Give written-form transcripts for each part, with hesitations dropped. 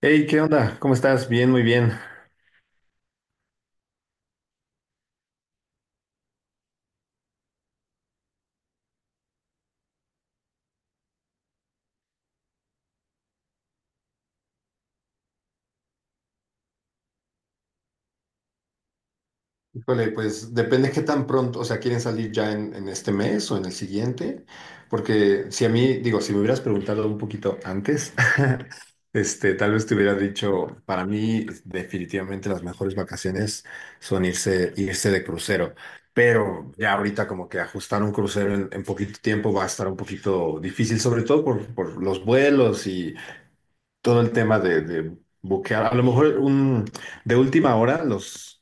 Hey, ¿qué onda? ¿Cómo estás? Bien, muy bien. Híjole, pues depende qué tan pronto, o sea, quieren salir ya en este mes o en el siguiente, porque si a mí, digo, si me hubieras preguntado un poquito antes, tal vez te hubiera dicho, para mí definitivamente las mejores vacaciones son irse de crucero, pero ya ahorita como que ajustar un crucero en poquito tiempo va a estar un poquito difícil, sobre todo por los vuelos y todo el tema de buquear, a lo mejor de última hora.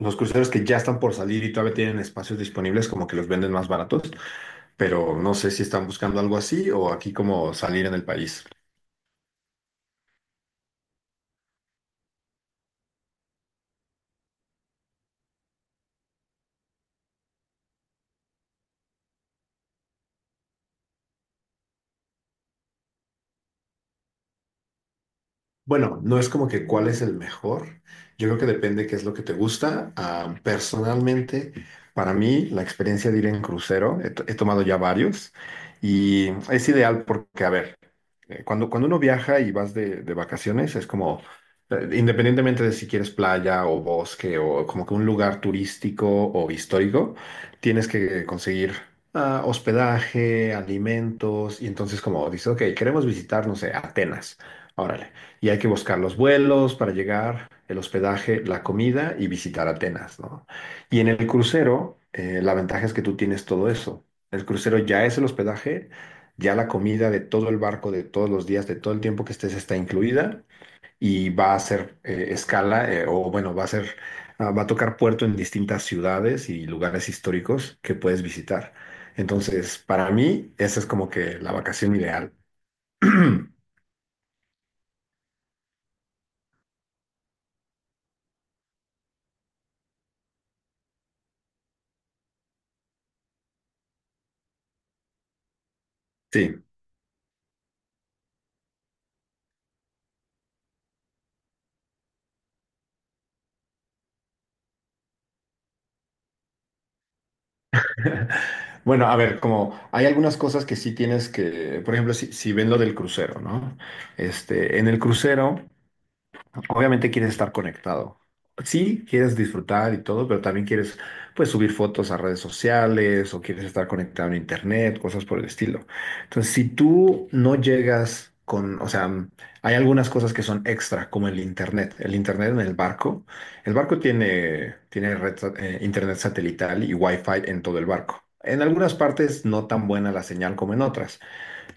Los cruceros que ya están por salir y todavía tienen espacios disponibles, como que los venden más baratos, pero no sé si están buscando algo así o aquí como salir en el país. Bueno, no es como que cuál es el mejor. Yo creo que depende qué es lo que te gusta. Ah, personalmente, para mí, la experiencia de ir en crucero, he tomado ya varios y es ideal porque, a ver, cuando uno viaja y vas de vacaciones, es como, independientemente de si quieres playa o bosque o como que un lugar turístico o histórico, tienes que conseguir hospedaje, alimentos, y entonces como dices, ok, queremos visitar, no sé, Atenas, órale, y hay que buscar los vuelos para llegar, el hospedaje, la comida y visitar Atenas, ¿no? Y en el crucero, la ventaja es que tú tienes todo eso. El crucero ya es el hospedaje, ya la comida de todo el barco, de todos los días, de todo el tiempo que estés, está incluida y va a ser escala, o bueno, va a ser, ah, va a tocar puerto en distintas ciudades y lugares históricos que puedes visitar. Entonces, para mí, esa es como que la vacación ideal. Sí. Bueno, a ver, como hay algunas cosas que sí tienes que, por ejemplo, si ven lo del crucero, ¿no? En el crucero obviamente quieres estar conectado. Sí, quieres disfrutar y todo, pero también quieres, pues, subir fotos a redes sociales o quieres estar conectado en internet, cosas por el estilo. Entonces, si tú no llegas con, o sea, hay algunas cosas que son extra, como el internet. El internet en el barco. El barco tiene internet satelital y wifi en todo el barco. En algunas partes no tan buena la señal como en otras.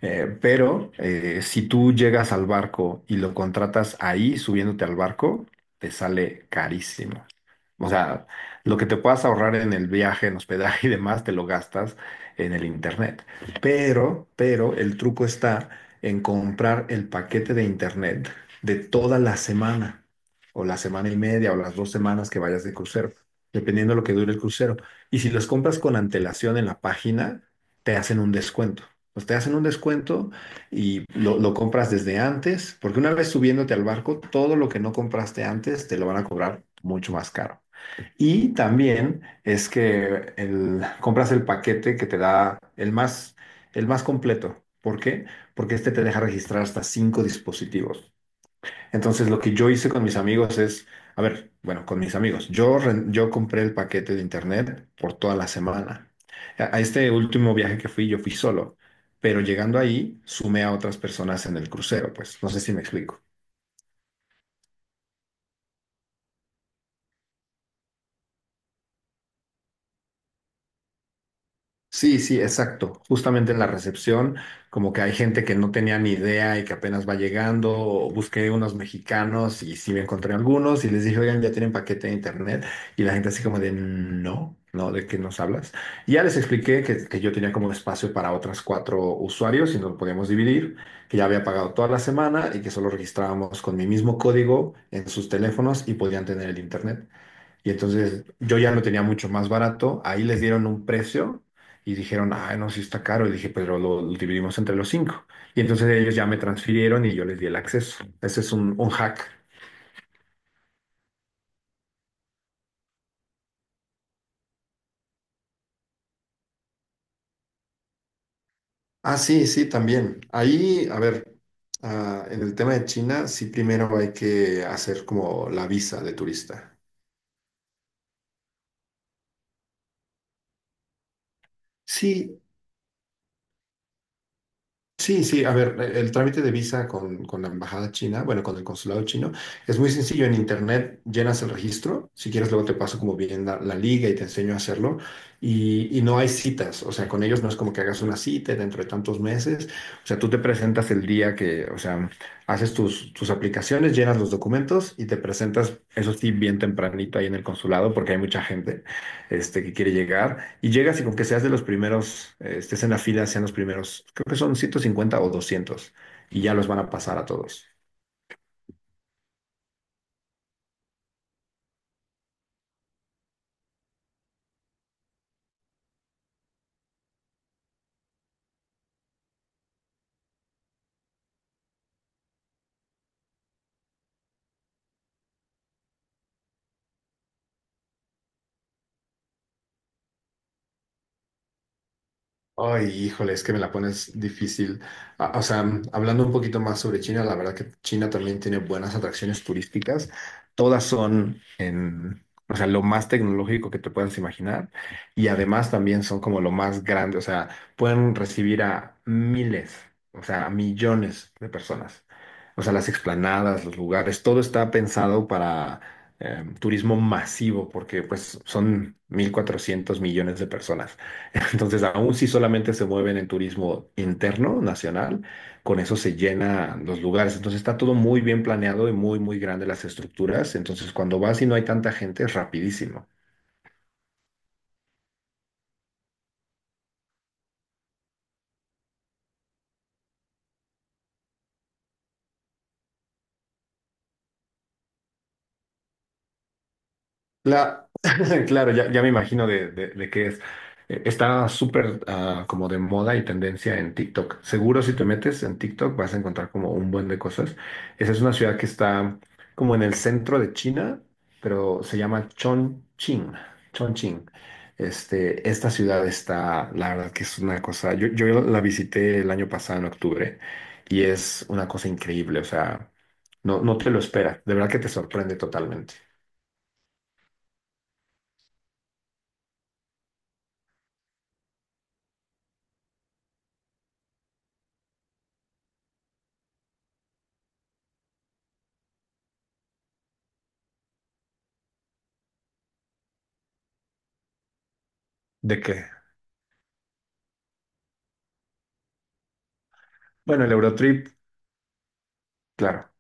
Pero si tú llegas al barco y lo contratas ahí subiéndote al barco, te sale carísimo. O sea, lo que te puedas ahorrar en el viaje, en hospedaje, y demás, te lo gastas en el internet. Pero el truco está en comprar el paquete de internet de toda la semana, o la semana y media, o las 2 semanas que vayas de crucero, dependiendo de lo que dure el crucero. Y si los compras con antelación en la página, te hacen un descuento. Pues te hacen un descuento y lo compras desde antes, porque una vez subiéndote al barco, todo lo que no compraste antes te lo van a cobrar mucho más caro. Y también es que compras el paquete que te da el más completo. ¿Por qué? Porque este te deja registrar hasta 5 dispositivos. Entonces, lo que yo hice con mis amigos es, a ver, bueno, con mis amigos, yo, yo compré el paquete de internet por toda la semana. A este último viaje que fui, yo fui solo, pero llegando ahí, sumé a otras personas en el crucero, pues no sé si me explico. Sí, sí, exacto. Justamente en la recepción, como que hay gente que no tenía ni idea y que apenas va llegando, o busqué unos mexicanos y sí me encontré algunos y les dije, oigan, ya tienen paquete de internet. Y la gente así como de, no, no, ¿de qué nos hablas? Y ya les expliqué que yo tenía como espacio para otras 4 usuarios y nos podíamos dividir, que ya había pagado toda la semana y que solo registrábamos con mi mismo código en sus teléfonos y podían tener el internet. Y entonces yo ya lo tenía mucho más barato. Ahí les dieron un precio y dijeron, ah, no, sí está caro. Y dije, pero lo dividimos entre los cinco. Y entonces ellos ya me transfirieron y yo les di el acceso. Ese es un hack. Ah, sí, sí, también. Ahí, a ver, ah, en el tema de China, sí, primero hay que hacer como la visa de turista. Sí, sí, sí, a ver, el trámite de visa con la embajada china, bueno, con el consulado chino, es muy sencillo. En internet llenas el registro, si quieres luego te paso como bien la liga y te enseño a hacerlo. Y no hay citas, o sea, con ellos no es como que hagas una cita dentro de tantos meses. O sea, tú te presentas el día que, o sea, haces tus, aplicaciones, llenas los documentos y te presentas, eso sí, bien tempranito ahí en el consulado porque hay mucha gente que quiere llegar, y llegas y con que seas de los primeros, estés en la fila, sean los primeros, creo que son 150 o 200 y ya los van a pasar a todos. Ay, híjole, es que me la pones difícil. Ah, o sea, hablando un poquito más sobre China, la verdad que China también tiene buenas atracciones turísticas. Todas son en, o sea, lo más tecnológico que te puedas imaginar. Y además también son como lo más grande. O sea, pueden recibir a miles, o sea, a millones de personas. O sea, las explanadas, los lugares, todo está pensado para turismo masivo, porque pues son 1.400 millones de personas. Entonces, aún si solamente se mueven en turismo interno, nacional, con eso se llenan los lugares. Entonces, está todo muy bien planeado y muy, muy grande las estructuras. Entonces, cuando vas y no hay tanta gente, es rapidísimo. La- claro, ya me imagino de qué es. Está súper, como de moda y tendencia en TikTok. Seguro si te metes en TikTok vas a encontrar como un buen de cosas. Esa es una ciudad que está como en el centro de China, pero se llama Chongqing. Chongqing. Esta ciudad está, la verdad que es una cosa, yo la visité el año pasado en octubre y es una cosa increíble, o sea, no, no te lo esperas, de verdad que te sorprende totalmente. ¿De qué? Bueno, el Eurotrip, claro.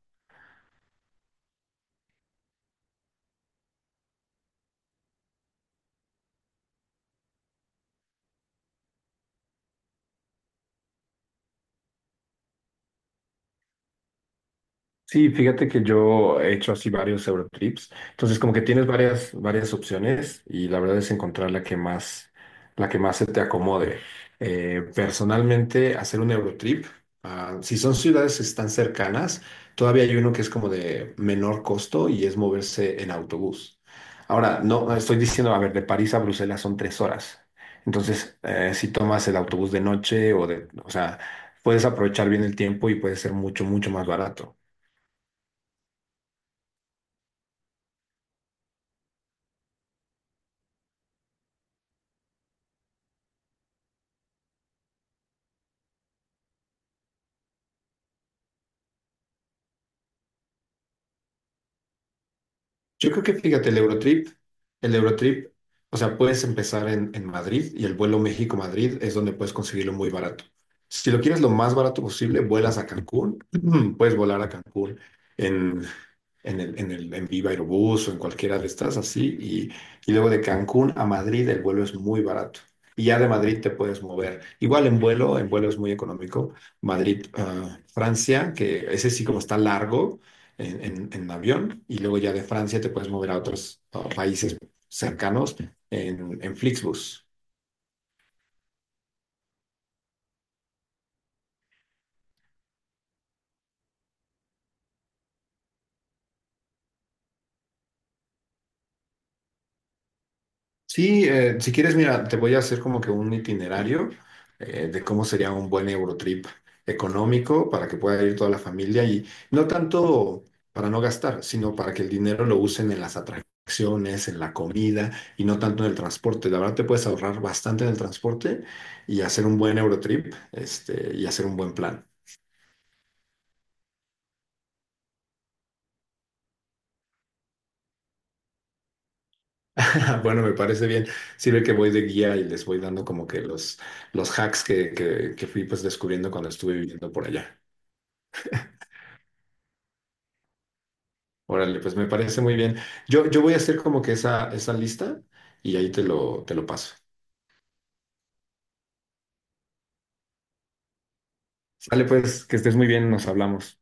Sí, fíjate que yo he hecho así varios Eurotrips. Entonces, como que tienes varias, varias opciones y la verdad es encontrar la que más se te acomode. Personalmente, hacer un Eurotrip, si son ciudades tan cercanas, todavía hay uno que es como de menor costo y es moverse en autobús. Ahora, no, no estoy diciendo, a ver, de París a Bruselas son 3 horas. Entonces, si tomas el autobús de noche o de, o sea, puedes aprovechar bien el tiempo y puede ser mucho, mucho más barato. Yo creo que, fíjate, el Eurotrip, o sea, puedes empezar en Madrid y el vuelo México-Madrid es donde puedes conseguirlo muy barato. Si lo quieres lo más barato posible, vuelas a Cancún, puedes volar a Cancún en en Viva Aerobús o en cualquiera de estas así. Y luego de Cancún a Madrid el vuelo es muy barato. Y ya de Madrid te puedes mover. Igual en vuelo es muy económico. Madrid, Francia, que ese sí como está largo en avión. Y luego ya de Francia te puedes mover a otros países cercanos en Flixbus. Sí, si quieres, mira, te voy a hacer como que un itinerario, de cómo sería un buen Eurotrip económico para que pueda ir toda la familia y no tanto para no gastar, sino para que el dinero lo usen en las atracciones, en la comida y no tanto en el transporte. La verdad te puedes ahorrar bastante en el transporte y hacer un buen Eurotrip, y hacer un buen plan. Bueno, me parece bien. Sirve que voy de guía y les voy dando como que los hacks que fui pues descubriendo cuando estuve viviendo por allá. Órale, pues me parece muy bien. Yo voy a hacer como que esa lista y ahí te lo paso. Sale pues, que estés muy bien, nos hablamos.